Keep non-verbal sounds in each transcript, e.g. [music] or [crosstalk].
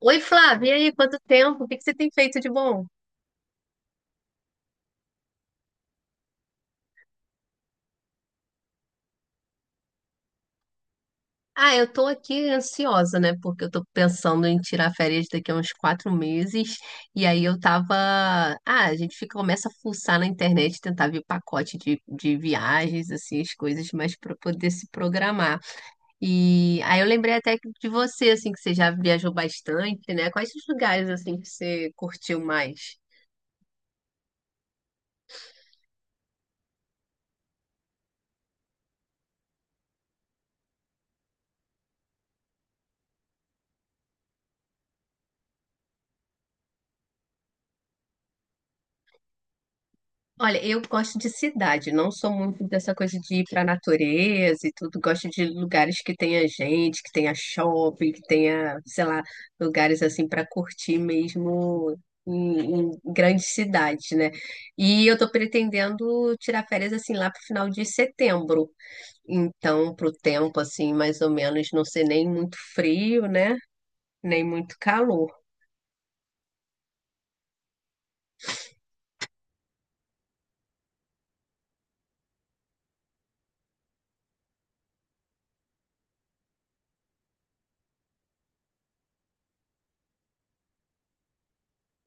Oi, Flávia, e aí, quanto tempo? O que que você tem feito de bom? Ah, eu tô aqui ansiosa, né? Porque eu tô pensando em tirar férias daqui a uns 4 meses. E aí eu tava. Ah, a gente fica, começa a fuçar na internet, tentar ver pacote de viagens, assim, as coisas, mas para poder se programar. E aí eu lembrei até que de você, assim, que você já viajou bastante, né? Quais os lugares, assim, que você curtiu mais? Olha, eu gosto de cidade, não sou muito dessa coisa de ir para a natureza e tudo. Gosto de lugares que tenha gente, que tenha shopping, que tenha, sei lá, lugares assim para curtir mesmo em grandes cidades, né? E eu tô pretendendo tirar férias assim lá pro final de setembro. Então, pro tempo assim, mais ou menos, não ser nem muito frio, né? Nem muito calor.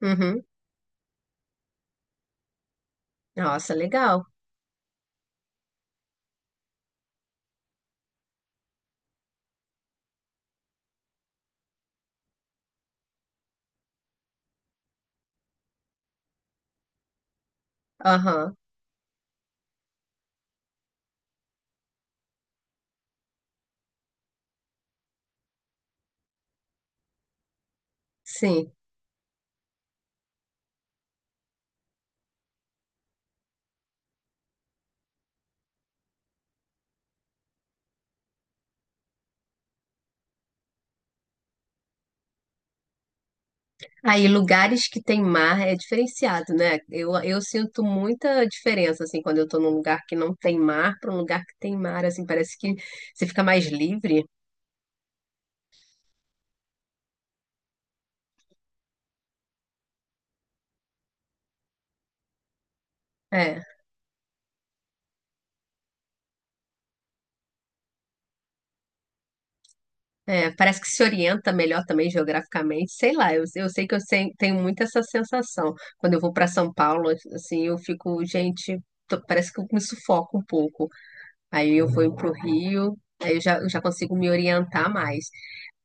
Uhum. Nossa, legal. Aham. Sim. Aí, lugares que tem mar é diferenciado, né? Eu sinto muita diferença, assim, quando eu tô num lugar que não tem mar para um lugar que tem mar, assim, parece que você fica mais livre. É, é, parece que se orienta melhor também geograficamente, sei lá, eu sei que eu sei- tenho muito essa sensação. Quando eu vou para São Paulo, assim, eu fico, gente, parece que eu me sufoco um pouco. Aí eu vou pro Rio, aí eu já consigo me orientar mais.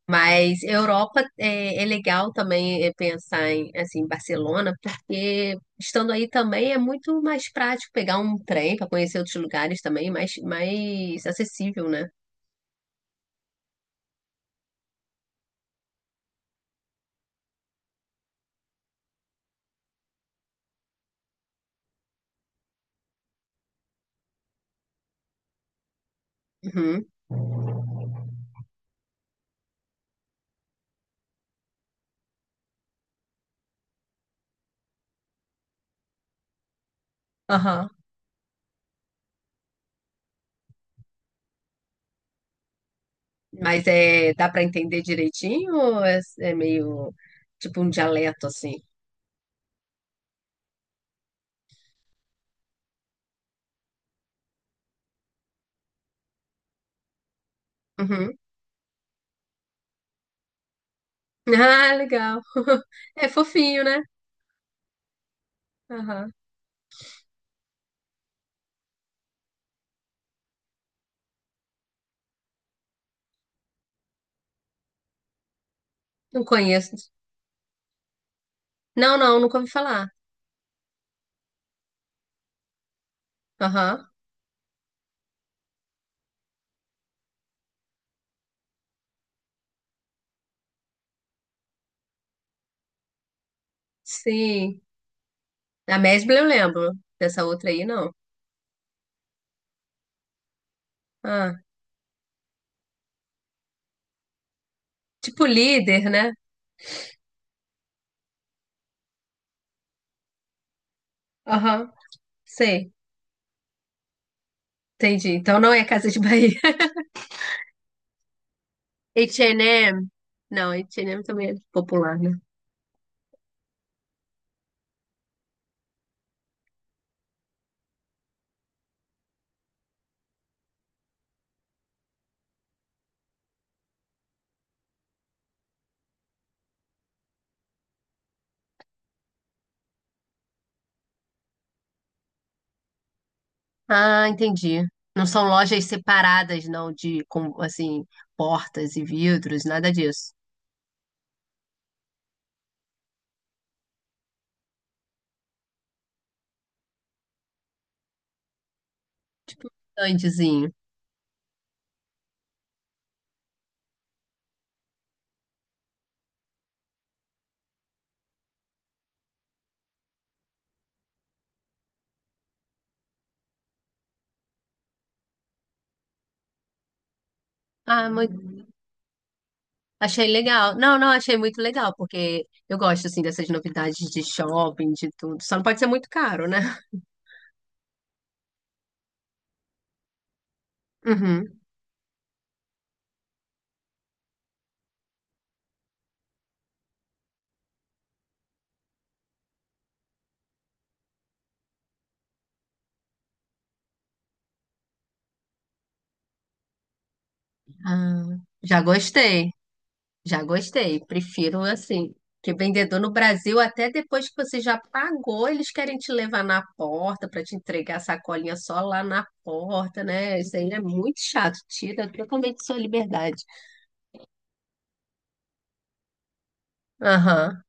Mas Europa é legal também é, pensar em assim, Barcelona, porque estando aí também é muito mais prático pegar um trem para conhecer outros lugares também, mais acessível, né? Uhum. Aham. Mas é, dá para entender direitinho ou é meio tipo um dialeto assim? Uhum. Ah, legal. [laughs] É fofinho, né? Aham. Não conheço. Não, não, nunca ouvi falar. Aham. Sim. A Mesbla eu lembro. Dessa outra aí, não. Ah. Tipo líder, né? Aham, sei, entendi. Então não é Casa de Bahia. [laughs] H&M, não, H&M também é popular, né? Ah, entendi. Não são lojas separadas, não, de, com, assim, portas e vidros, nada disso. Estandezinho. Ah, muito... achei legal. Não, não, achei muito legal, porque eu gosto, assim, dessas novidades de shopping, de tudo. Só não pode ser muito caro, né? Uhum. Ah, já gostei. Já gostei. Prefiro assim, que vendedor no Brasil, até depois que você já pagou, eles querem te levar na porta para te entregar a sacolinha só lá na porta, né? Isso aí é muito chato, tira totalmente sua liberdade. Aham.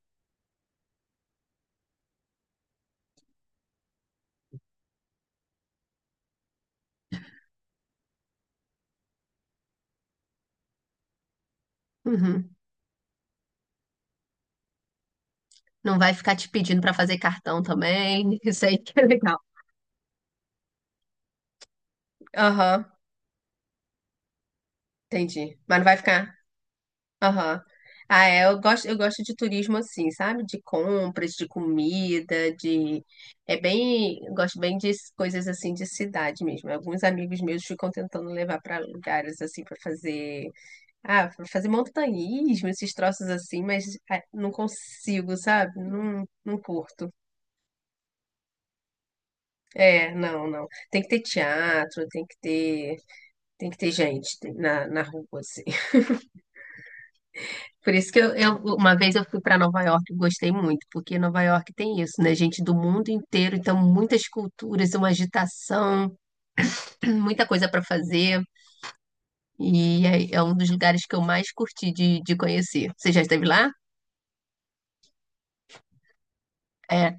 Uhum. Não vai ficar te pedindo para fazer cartão também. [laughs] Isso aí que é legal. Aham, entendi. Mas não vai ficar. Aham. Ah, é, eu gosto de turismo assim, sabe? De compras, de comida, de... É bem... eu gosto bem de coisas assim de cidade mesmo. Alguns amigos meus ficam tentando levar para lugares assim para fazer... Ah, para fazer montanhismo, esses troços assim, mas ah, não consigo, sabe? Não, não curto. É, não, não. Tem que ter teatro, tem que ter... Tem que ter gente na, na rua, assim. Por isso que uma vez eu fui para Nova York e gostei muito, porque Nova York tem isso, né? Gente do mundo inteiro, então muitas culturas, uma agitação, [clears throat] muita coisa para fazer. E é um dos lugares que eu mais curti de conhecer. Você já esteve lá? É.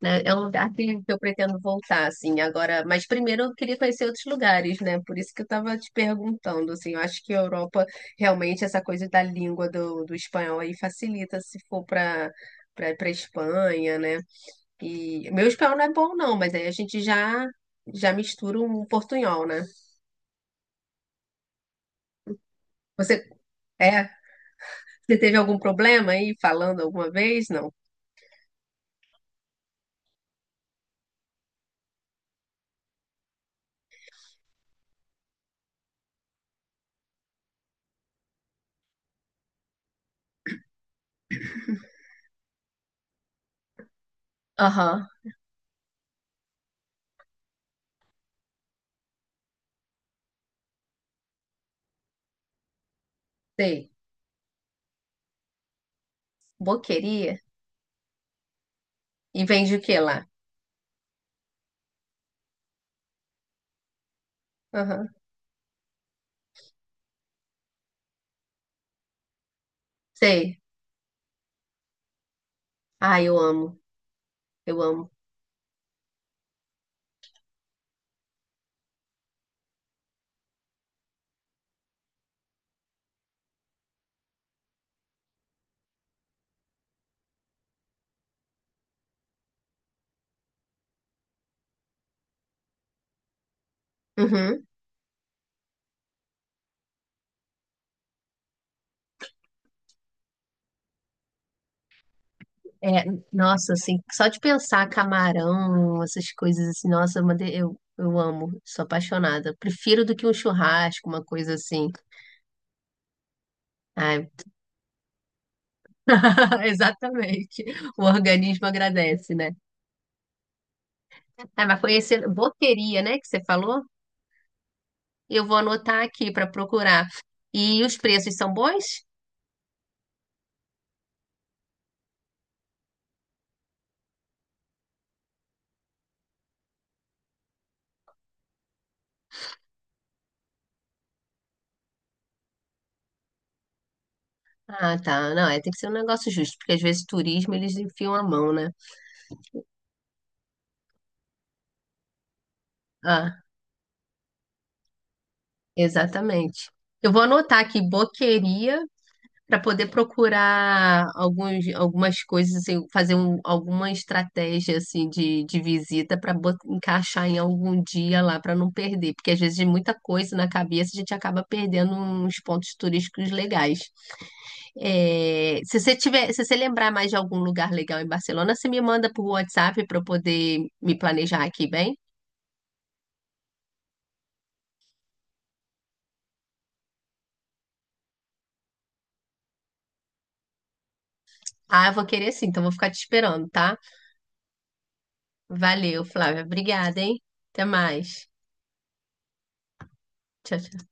Né? É um lugar que eu pretendo voltar, assim, agora. Mas primeiro eu queria conhecer outros lugares, né? Por isso que eu estava te perguntando, assim, eu acho que a Europa, realmente, essa coisa da língua do espanhol aí facilita se for para Espanha, né? E meu espanhol não é bom, não, mas aí a gente já já mistura um portunhol, né? Você é, você teve algum problema aí falando alguma vez? Não. Aham, sei. Boqueria? E vende o que lá? Aham, sei. Ah, eu amo. Eu amo. Uhum. É, nossa, assim, só de pensar camarão, essas coisas assim, nossa, eu amo, sou apaixonada. Prefiro do que um churrasco, uma coisa assim. Ai. [laughs] Exatamente. O organismo agradece, né? Ah, mas foi esse boteria, né, que você falou? Eu vou anotar aqui para procurar. E os preços são bons? Ah, tá. Não, é, tem que ser um negócio justo, porque às vezes turismo eles enfiam a mão, né? Ah, exatamente. Eu vou anotar aqui boqueria para poder procurar algumas coisas, assim, alguma estratégia assim de visita para encaixar em algum dia lá para não perder, porque às vezes de muita coisa na cabeça a gente acaba perdendo uns pontos turísticos legais. É, se você lembrar mais de algum lugar legal em Barcelona, você me manda por WhatsApp para eu poder me planejar aqui, bem? Ah, eu vou querer sim, então vou ficar te esperando, tá? Valeu, Flávia. Obrigada, hein? Até mais. Tchau, tchau.